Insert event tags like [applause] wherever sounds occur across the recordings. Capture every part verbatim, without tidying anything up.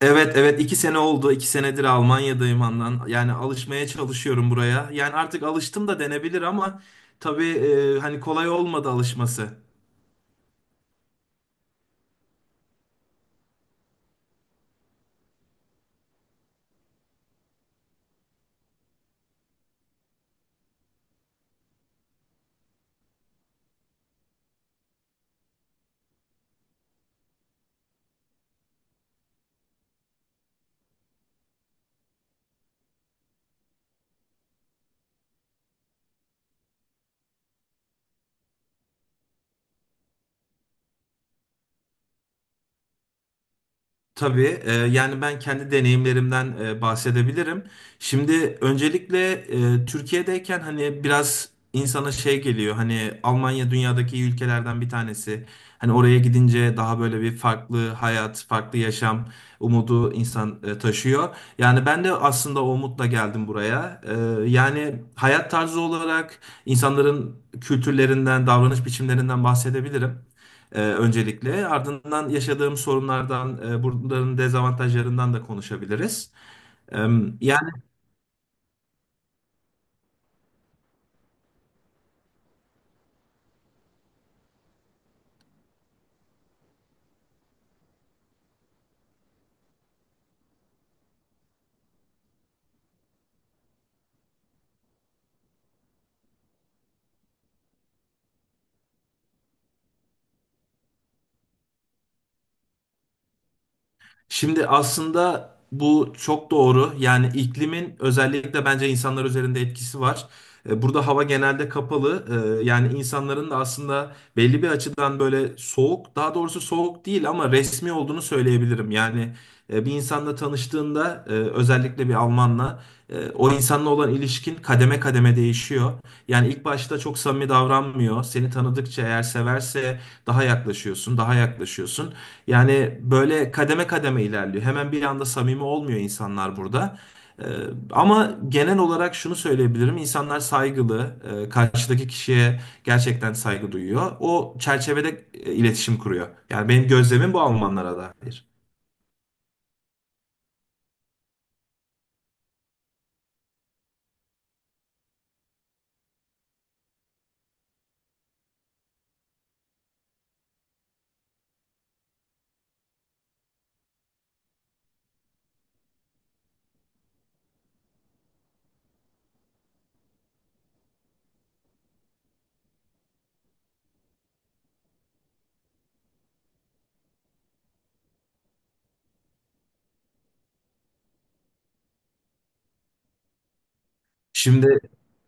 Evet, evet, iki sene oldu. iki senedir Almanya'dayım andan. Yani alışmaya çalışıyorum buraya. Yani artık alıştım da denebilir ama tabii, e, hani kolay olmadı alışması. Tabii, e, yani ben kendi deneyimlerimden e, bahsedebilirim. Şimdi öncelikle e, Türkiye'deyken hani biraz insana şey geliyor. Hani Almanya dünyadaki iyi ülkelerden bir tanesi. Hani oraya gidince daha böyle bir farklı hayat, farklı yaşam umudu insan e, taşıyor. Yani ben de aslında o umutla geldim buraya. E, yani hayat tarzı olarak insanların kültürlerinden, davranış biçimlerinden bahsedebilirim. Ee, öncelikle ardından yaşadığım sorunlardan, e, bunların dezavantajlarından da konuşabiliriz. Ee, Yani şimdi aslında bu çok doğru. Yani iklimin özellikle bence insanlar üzerinde etkisi var. E, Burada hava genelde kapalı. E, Yani insanların da aslında belli bir açıdan böyle soğuk, daha doğrusu soğuk değil ama resmi olduğunu söyleyebilirim. Yani e, bir insanla tanıştığında, e, özellikle bir Almanla, e, o insanla olan ilişkin kademe kademe değişiyor. Yani ilk başta çok samimi davranmıyor. Seni tanıdıkça eğer severse daha yaklaşıyorsun, daha yaklaşıyorsun. Yani böyle kademe kademe ilerliyor. Hemen bir anda samimi olmuyor insanlar burada. Ee, Ama genel olarak şunu söyleyebilirim. İnsanlar saygılı, e, karşıdaki kişiye gerçekten saygı duyuyor. O çerçevede e, iletişim kuruyor. Yani benim gözlemim bu Almanlara dair. Şimdi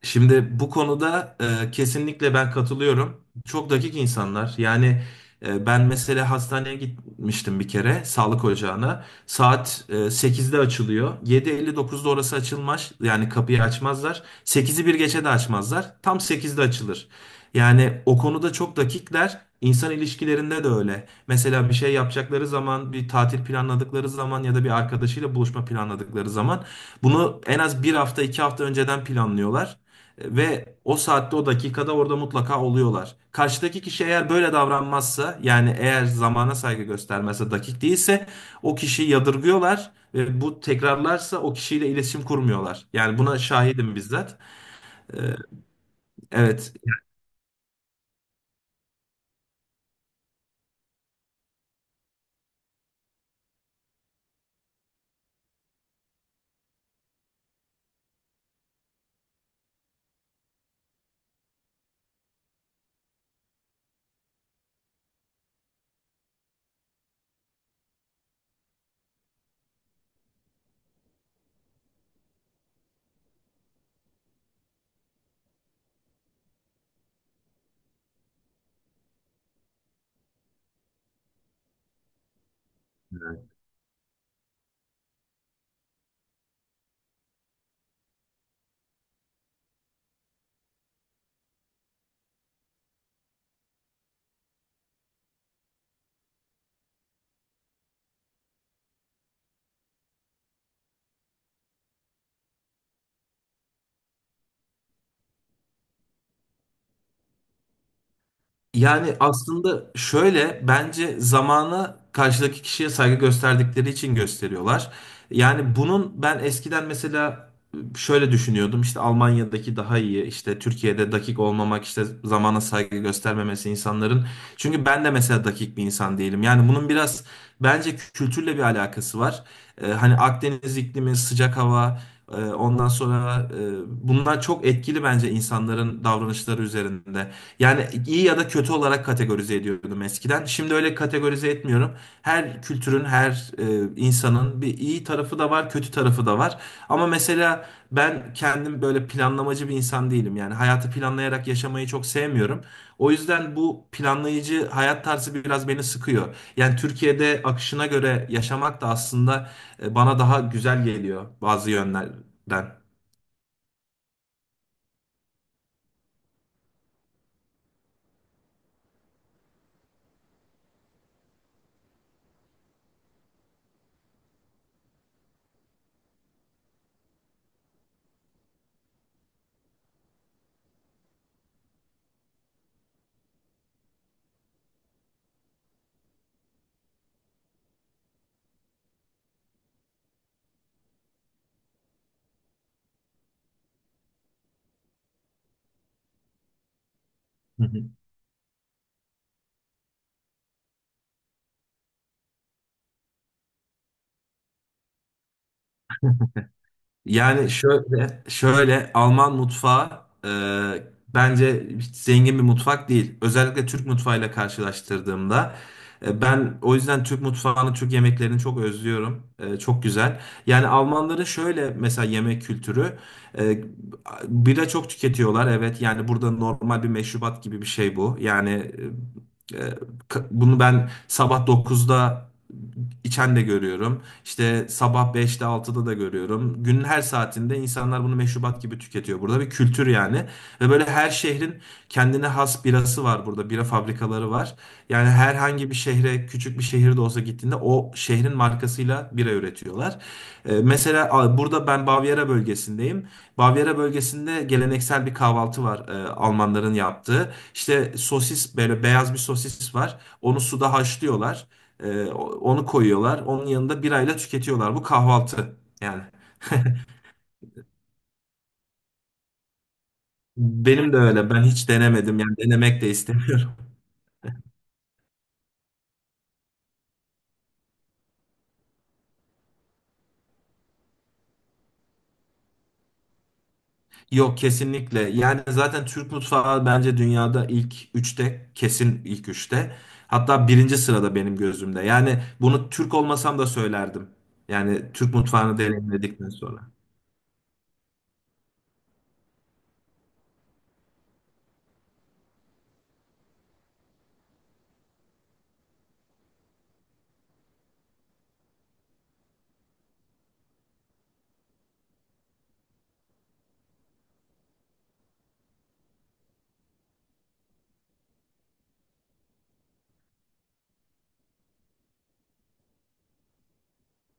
şimdi bu konuda, e, kesinlikle ben katılıyorum. Çok dakik insanlar. Yani e, ben mesela hastaneye gitmiştim bir kere sağlık ocağına. Saat e, sekizde açılıyor. Yedi elli dokuzda orası açılmaz. Yani kapıyı açmazlar. Sekizi bir geçe de açmazlar. Tam sekizde açılır. Yani o konuda çok dakikler. İnsan ilişkilerinde de öyle. Mesela bir şey yapacakları zaman, bir tatil planladıkları zaman ya da bir arkadaşıyla buluşma planladıkları zaman bunu en az bir hafta iki hafta önceden planlıyorlar. E, ve o saatte o dakikada orada mutlaka oluyorlar. Karşıdaki kişi eğer böyle davranmazsa, yani eğer zamana saygı göstermezse, dakik değilse, o kişiyi yadırgıyorlar ve bu tekrarlarsa o kişiyle iletişim kurmuyorlar. Yani buna şahidim bizzat. E, Evet. Yani aslında şöyle, bence zamana karşıdaki kişiye saygı gösterdikleri için gösteriyorlar. Yani bunun ben eskiden mesela şöyle düşünüyordum, işte Almanya'daki daha iyi, işte Türkiye'de dakik olmamak, işte zamana saygı göstermemesi insanların. Çünkü ben de mesela dakik bir insan değilim. Yani bunun biraz bence kültürle bir alakası var. Ee, hani Akdeniz iklimi, sıcak hava, e, ondan sonra, e, bunlar çok etkili bence insanların davranışları üzerinde. Yani iyi ya da kötü olarak kategorize ediyordum eskiden. Şimdi öyle kategorize etmiyorum. Her kültürün, her e, insanın bir iyi tarafı da var, kötü tarafı da var. Ama mesela ben kendim böyle planlamacı bir insan değilim. Yani hayatı planlayarak yaşamayı çok sevmiyorum. O yüzden bu planlayıcı hayat tarzı biraz beni sıkıyor. Yani Türkiye'de akışına göre yaşamak da aslında e, bana daha güzel geliyor bazı yönlerden. Yani şöyle, şöyle Alman mutfağı e, bence hiç zengin bir mutfak değil. Özellikle Türk mutfağıyla karşılaştırdığımda e, ben o yüzden Türk mutfağını, Türk yemeklerini çok özlüyorum. E, çok güzel. Yani Almanların şöyle mesela yemek kültürü, e, bira çok tüketiyorlar. Evet, yani burada normal bir meşrubat gibi bir şey bu. Yani e, e, ka- bunu ben sabah dokuzda içen de görüyorum. İşte sabah beşte altıda da görüyorum. Günün her saatinde insanlar bunu meşrubat gibi tüketiyor. Burada bir kültür yani. Ve böyle her şehrin kendine has birası var burada. Bira fabrikaları var. Yani herhangi bir şehre, küçük bir şehir de olsa gittiğinde o şehrin markasıyla bira üretiyorlar. Ee, mesela a, burada ben Bavyera bölgesindeyim. Bavyera bölgesinde geleneksel bir kahvaltı var, e, Almanların yaptığı. İşte sosis, böyle beyaz bir sosis var. Onu suda haşlıyorlar. Ee, o- onu koyuyorlar. Onun yanında birayla tüketiyorlar. Bu kahvaltı yani. [laughs] Benim de öyle. Ben hiç denemedim. Yani denemek de istemiyorum. [laughs] Yok, kesinlikle. Yani zaten Türk mutfağı bence dünyada ilk üçte. Kesin ilk üçte. Hatta birinci sırada benim gözümde. Yani bunu Türk olmasam da söylerdim. Yani Türk mutfağını deneyimledikten sonra.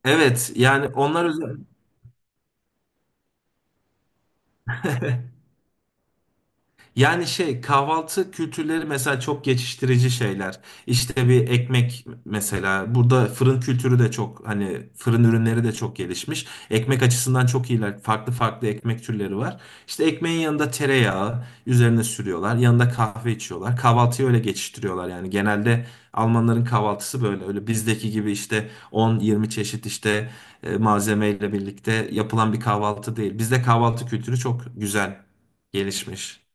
Evet, yani onlar özel. Yani şey, kahvaltı kültürleri mesela çok geçiştirici şeyler. İşte bir ekmek mesela, burada fırın kültürü de çok, hani fırın ürünleri de çok gelişmiş. Ekmek açısından çok iyiler. Farklı farklı ekmek türleri var. İşte ekmeğin yanında tereyağı üzerine sürüyorlar. Yanında kahve içiyorlar. Kahvaltıyı öyle geçiştiriyorlar yani. Genelde Almanların kahvaltısı böyle. Öyle bizdeki gibi işte on yirmi çeşit işte e, malzemeyle birlikte yapılan bir kahvaltı değil. Bizde kahvaltı kültürü çok güzel gelişmiş.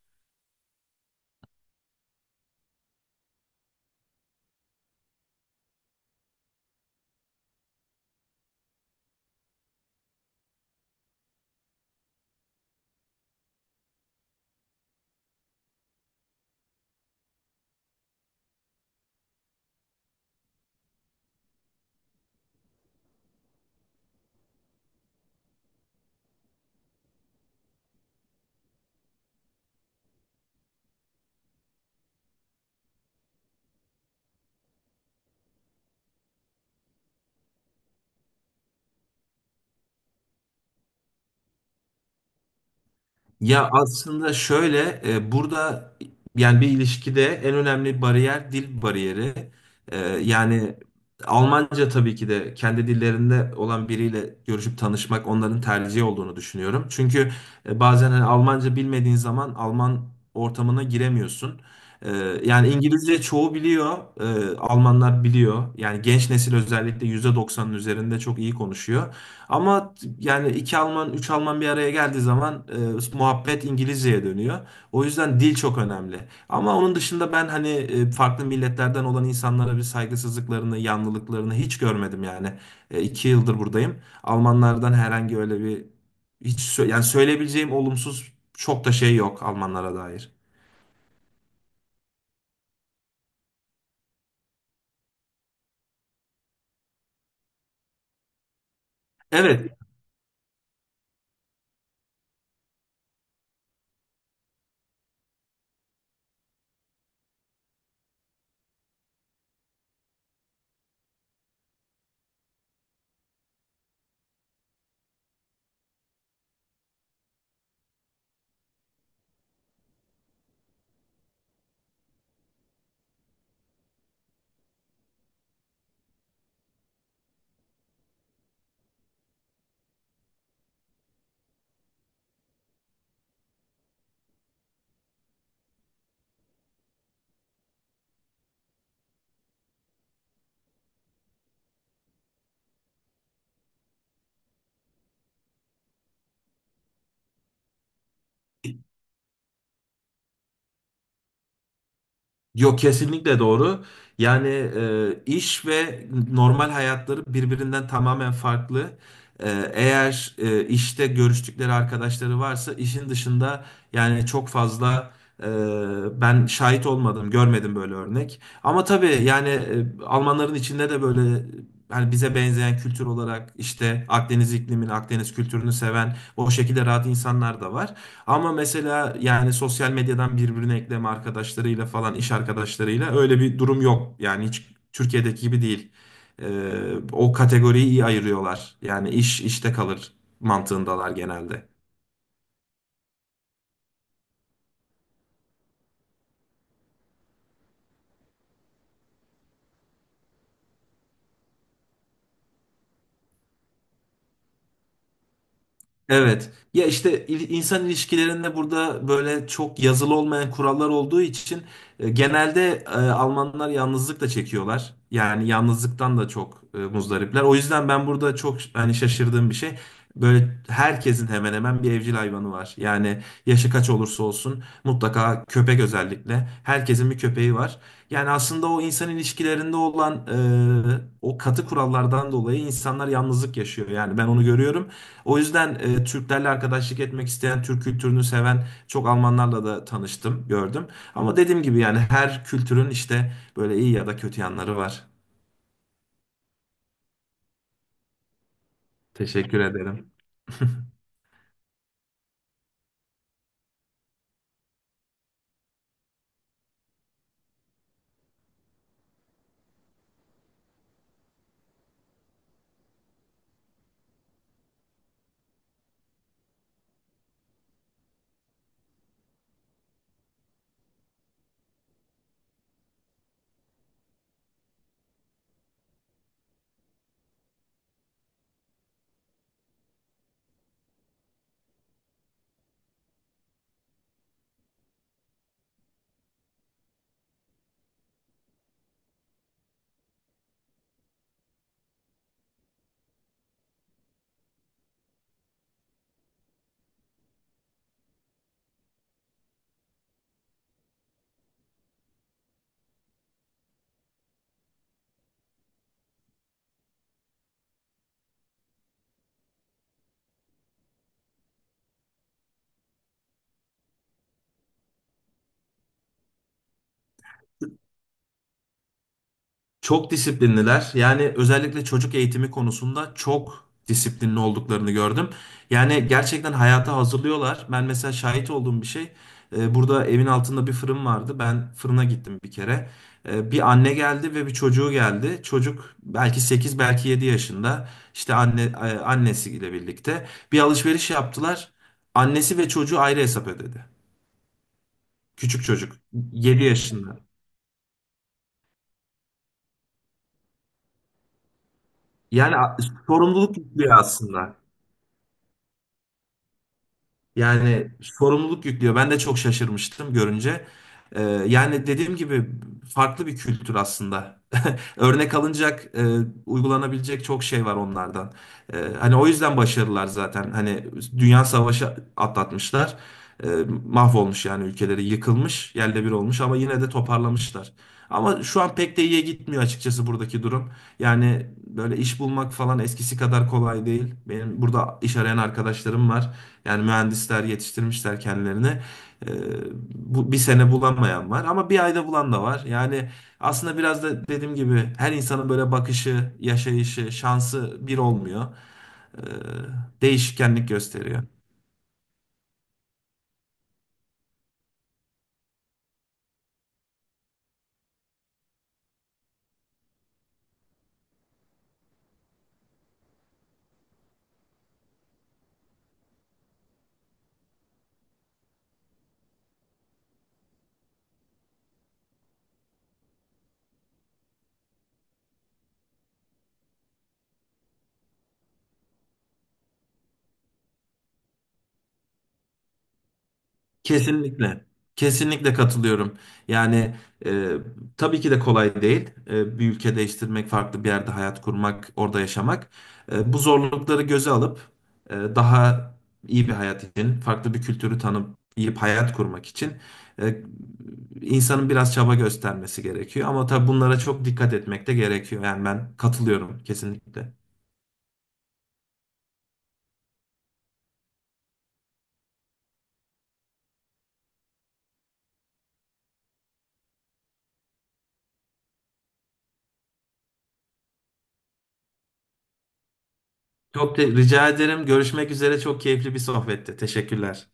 Ya aslında şöyle, e, burada yani bir ilişkide en önemli bariyer dil bariyeri. E, Yani Almanca, tabii ki de kendi dillerinde olan biriyle görüşüp tanışmak onların tercihi olduğunu düşünüyorum. Çünkü e, bazen hani Almanca bilmediğin zaman Alman ortamına giremiyorsun. E, Yani İngilizce çoğu biliyor, e, Almanlar biliyor. Yani genç nesil özellikle yüzde doksanın üzerinde çok iyi konuşuyor. Ama yani iki Alman, üç Alman bir araya geldiği zaman e, muhabbet İngilizceye dönüyor. O yüzden dil çok önemli. Ama onun dışında ben hani e, farklı milletlerden olan insanlara bir saygısızlıklarını, yanlılıklarını hiç görmedim yani. E, iki yıldır buradayım. Almanlardan herhangi öyle bir hiç sö- yani söyleyebileceğim olumsuz çok da şey yok Almanlara dair. Evet. Yok, kesinlikle doğru. Yani e, iş ve normal hayatları birbirinden tamamen farklı. E, eğer e, işte görüştükleri arkadaşları varsa işin dışında, yani çok fazla, e, ben şahit olmadım, görmedim böyle örnek. Ama tabii yani e, Almanların içinde de böyle hani bize benzeyen kültür olarak işte Akdeniz iklimini, Akdeniz kültürünü seven, o şekilde rahat insanlar da var. Ama mesela yani sosyal medyadan birbirine ekleme arkadaşlarıyla falan, iş arkadaşlarıyla öyle bir durum yok. Yani hiç Türkiye'deki gibi değil. Ee, O kategoriyi iyi ayırıyorlar. Yani iş işte kalır mantığındalar genelde. Evet. Ya işte il- insan ilişkilerinde burada böyle çok yazılı olmayan kurallar olduğu için e, genelde e, Almanlar yalnızlık da çekiyorlar. Yani yalnızlıktan da çok e, muzdaripler. O yüzden ben burada çok, hani şaşırdığım bir şey. Böyle herkesin hemen hemen bir evcil hayvanı var. Yani yaşı kaç olursa olsun mutlaka köpek, özellikle herkesin bir köpeği var. Yani aslında o insan ilişkilerinde olan e, o katı kurallardan dolayı insanlar yalnızlık yaşıyor. Yani ben onu görüyorum. O yüzden e, Türklerle arkadaşlık etmek isteyen, Türk kültürünü seven çok Almanlarla da tanıştım, gördüm. Ama dediğim gibi yani her kültürün işte böyle iyi ya da kötü yanları var. Teşekkür ederim. Çok disiplinliler. Yani özellikle çocuk eğitimi konusunda çok disiplinli olduklarını gördüm. Yani gerçekten hayata hazırlıyorlar. Ben mesela şahit olduğum bir şey. E, burada evin altında bir fırın vardı. Ben fırına gittim bir kere. E, bir anne geldi ve bir çocuğu geldi. Çocuk belki sekiz, belki yedi yaşında. İşte anne, e, annesiyle birlikte bir alışveriş yaptılar. Annesi ve çocuğu ayrı hesap ödedi. Küçük çocuk, yedi yaşında. Yani a- Sorumluluk yüklüyor aslında. Yani sorumluluk yüklüyor. Ben de çok şaşırmıştım görünce. Ee, Yani dediğim gibi, farklı bir kültür aslında. Örnek alınacak, e, uygulanabilecek çok şey var onlardan. E, hani o yüzden başarılar zaten. Hani dünya savaşı atlatmışlar. E, mahvolmuş yani, ülkeleri yıkılmış, yerle bir olmuş, ama yine de toparlamışlar. Ama şu an pek de iyiye gitmiyor açıkçası buradaki durum. Yani böyle iş bulmak falan eskisi kadar kolay değil. Benim burada iş arayan arkadaşlarım var. Yani mühendisler yetiştirmişler kendilerini. Ee, Bu bir sene bulamayan var ama bir ayda bulan da var. Yani aslında biraz da dediğim gibi, her insanın böyle bakışı, yaşayışı, şansı bir olmuyor. Ee, Değişkenlik gösteriyor. Kesinlikle. Kesinlikle katılıyorum. Yani e, tabii ki de kolay değil. E, bir ülke değiştirmek, farklı bir yerde hayat kurmak, orada yaşamak. E, bu zorlukları göze alıp, e, daha iyi bir hayat için, farklı bir kültürü tanıp iyi bir hayat kurmak için, e, insanın biraz çaba göstermesi gerekiyor. Ama tabii bunlara çok dikkat etmek de gerekiyor. Yani ben katılıyorum kesinlikle. Çok te- rica ederim. Görüşmek üzere. Çok keyifli bir sohbetti. Teşekkürler.